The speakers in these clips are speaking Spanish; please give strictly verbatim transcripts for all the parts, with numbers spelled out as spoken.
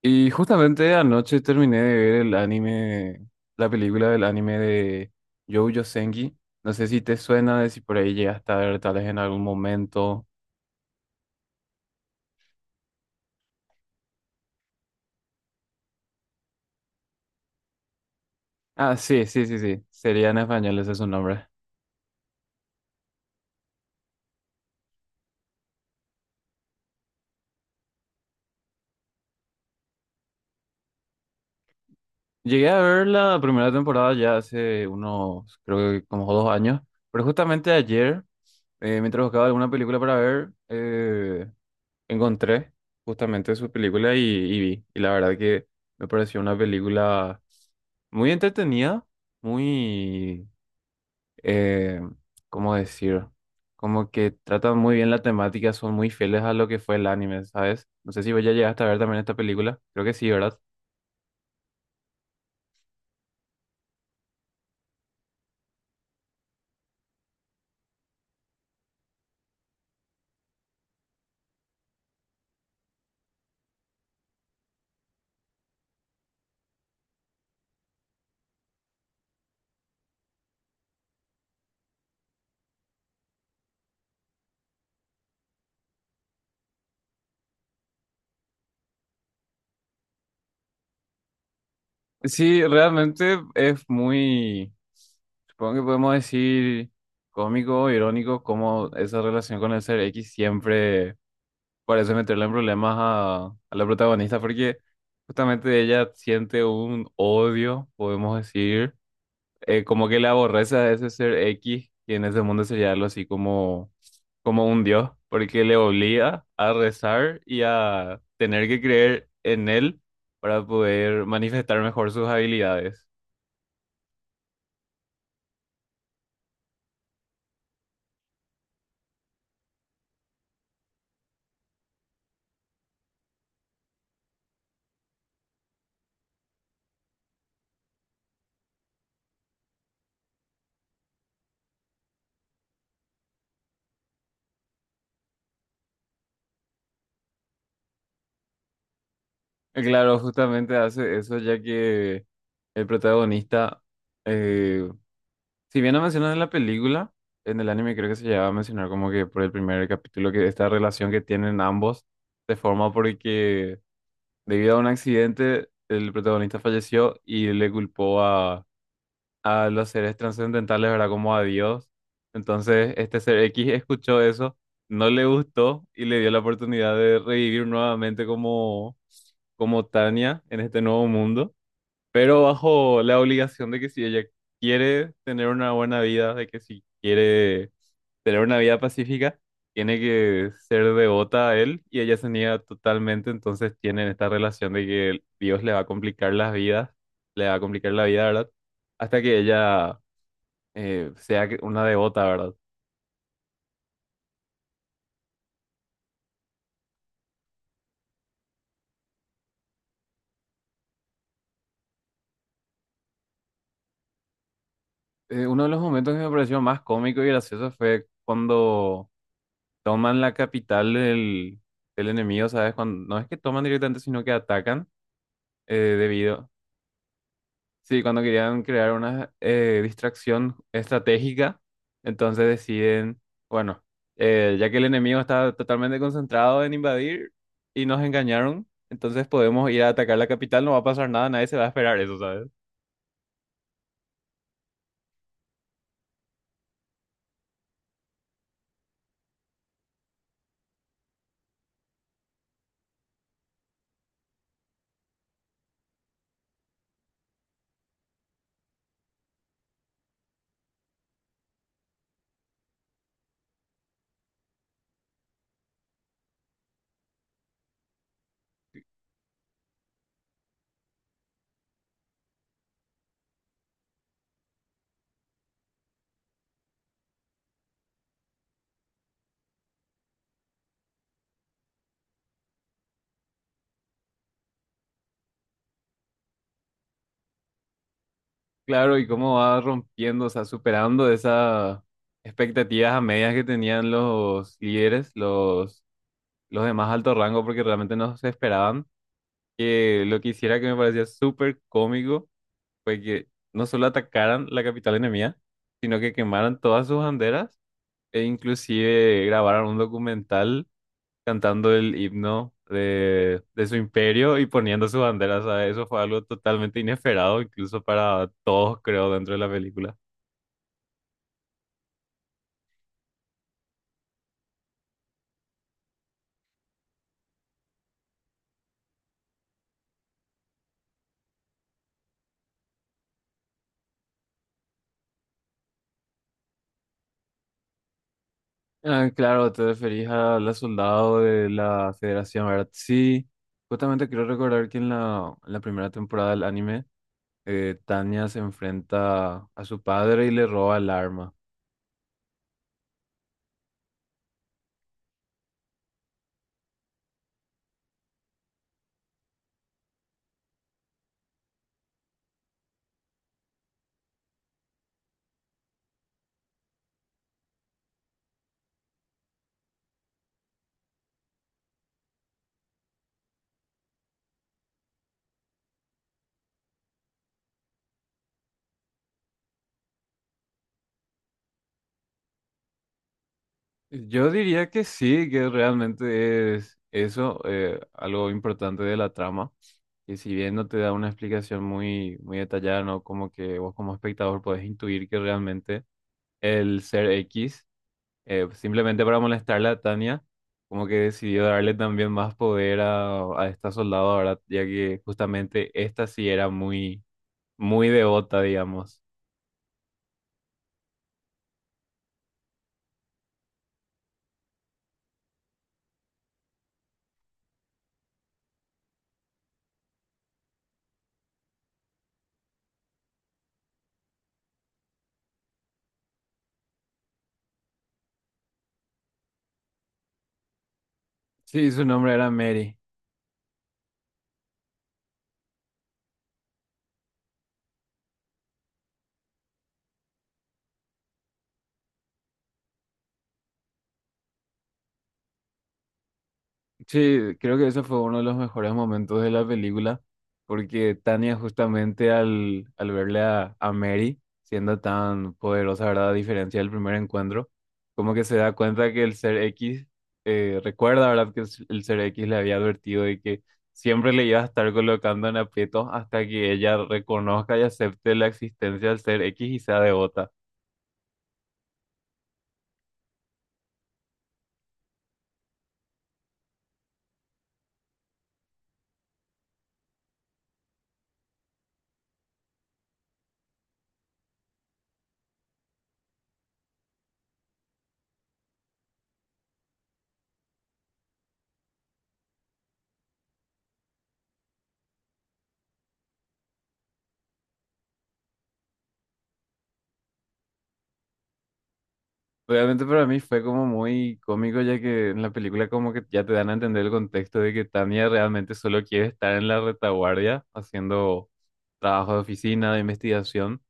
Y justamente anoche terminé de ver el anime, la película del anime de Jojo Senki. No sé si te suena, de si por ahí llegaste a ver tal vez en algún momento. Ah, sí, sí, sí, sí. Sería en español, ese es su nombre. Llegué a ver la primera temporada ya hace unos, creo que como dos años. Pero justamente ayer, eh, mientras buscaba alguna película para ver, eh, encontré justamente su película y, y vi. Y la verdad que me pareció una película muy entretenida, muy, eh, ¿cómo decir? Como que tratan muy bien la temática, son muy fieles a lo que fue el anime, ¿sabes? No sé si vos ya llegaste a ver también esta película. Creo que sí, ¿verdad? Sí, realmente es muy, supongo que podemos decir cómico, irónico, como esa relación con el ser X siempre por eso meterle en problemas a, a la protagonista, porque justamente ella siente un odio, podemos decir, eh, como que le aborrece a ese ser X, que en ese mundo sería algo así como, como un dios, porque le obliga a rezar y a tener que creer en él para poder manifestar mejor sus habilidades. Y claro, justamente hace eso ya que el protagonista, eh, si bien no mencionan en la película, en el anime creo que se llegaba a mencionar como que por el primer capítulo que esta relación que tienen ambos se forma porque debido a un accidente el protagonista falleció y le culpó a, a los seres trascendentales, ¿verdad? Como a Dios. Entonces este ser X escuchó eso, no le gustó y le dio la oportunidad de revivir nuevamente como, como Tania en este nuevo mundo pero bajo la obligación de que si ella quiere tener una buena vida, de que si quiere tener una vida pacífica, tiene que ser devota a él y ella se niega totalmente, entonces tienen esta relación de que Dios le va a complicar las vidas, le va a complicar la vida, ¿verdad? Hasta que ella eh, sea que- una devota, ¿verdad? Eh, uno de los momentos que me pareció más cómico y gracioso fue cuando toman la capital del, del enemigo, ¿sabes? Cuando, no es que toman directamente, sino que atacan. Eh, debido. Sí, cuando querían crear una eh, distracción estratégica, entonces deciden, bueno, eh, ya que el enemigo está totalmente concentrado en invadir y nos engañaron, entonces podemos ir a atacar la capital, no va a pasar nada, nadie se va a esperar eso, ¿sabes? Claro, y cómo va rompiendo, o sea, superando esas expectativas a medias que tenían los líderes, los, los de más alto rango, porque realmente no se esperaban. Que lo que hiciera que me parecía súper cómico fue que no solo atacaran la capital enemiga, sino que quemaran todas sus banderas e inclusive grabaron un documental cantando el himno de, de su imperio y poniendo sus banderas, ¿sabes? Eso fue algo totalmente inesperado, incluso para todos, creo, dentro de la película. Ah, claro, te referís a la soldado de la Federación, ¿verdad? Sí, justamente quiero recordar que en la, en la primera temporada del anime, eh, Tanya se enfrenta a su padre y le roba el arma. Yo diría que sí, que realmente es eso, eh, algo importante de la trama, que si bien no te da una explicación muy, muy detallada, ¿no? Como que vos como espectador podés intuir que realmente el ser X, eh, simplemente para molestarle a Tania, como que decidió darle también más poder a, a esta soldado ahora, ya que justamente esta sí era muy, muy devota, digamos. Sí, su nombre era Mary. Sí, creo que ese fue uno de los mejores momentos de la película, porque Tania justamente al, al verle a, a Mary siendo tan poderosa, ¿verdad? A diferencia del primer encuentro, como que se da cuenta que el ser X, eh, recuerda, ¿verdad? Que el s- el ser X le había advertido de que siempre le iba a estar colocando en aprietos hasta que ella reconozca y acepte la existencia del ser X y sea devota. Realmente para mí fue como muy cómico ya que en la película como que ya te dan a entender el contexto de que Tania realmente solo quiere estar en la retaguardia haciendo trabajo de oficina, de investigación,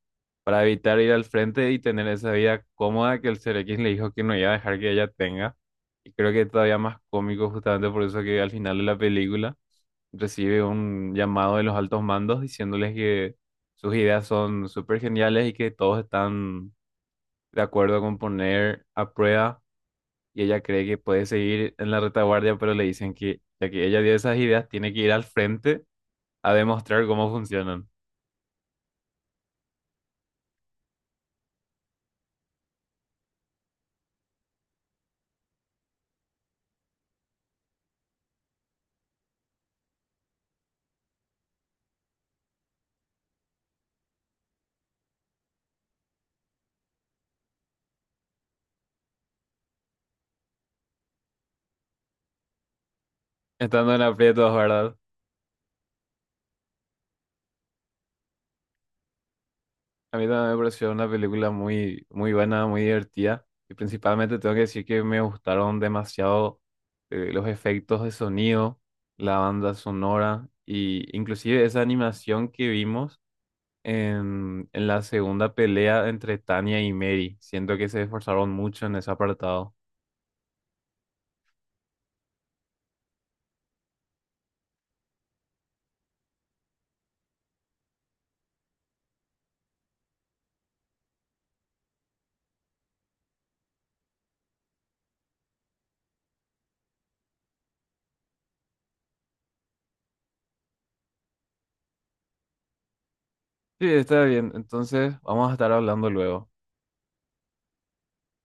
para evitar ir al frente y tener esa vida cómoda que el Ser X le dijo que no iba a dejar que ella tenga. Y creo que es todavía más cómico justamente por eso que al final de la película recibe un llamado de los altos mandos diciéndoles que sus ideas son súper geniales y que todos están de acuerdo con poner a prueba y ella cree que puede seguir en la retaguardia, pero le dicen que ya que ella dio esas ideas, tiene que ir al frente a demostrar cómo funcionan. Estando en aprietos, ¿verdad? A mí también me pareció una película muy, muy buena, muy divertida. Y principalmente tengo que decir que me gustaron demasiado eh, los efectos de sonido, la banda sonora y inclusive esa animación que vimos en, en la segunda pelea entre Tania y Mary. Siento que se esforzaron mucho en ese apartado. Sí, está bien. Entonces, vamos a estar hablando luego.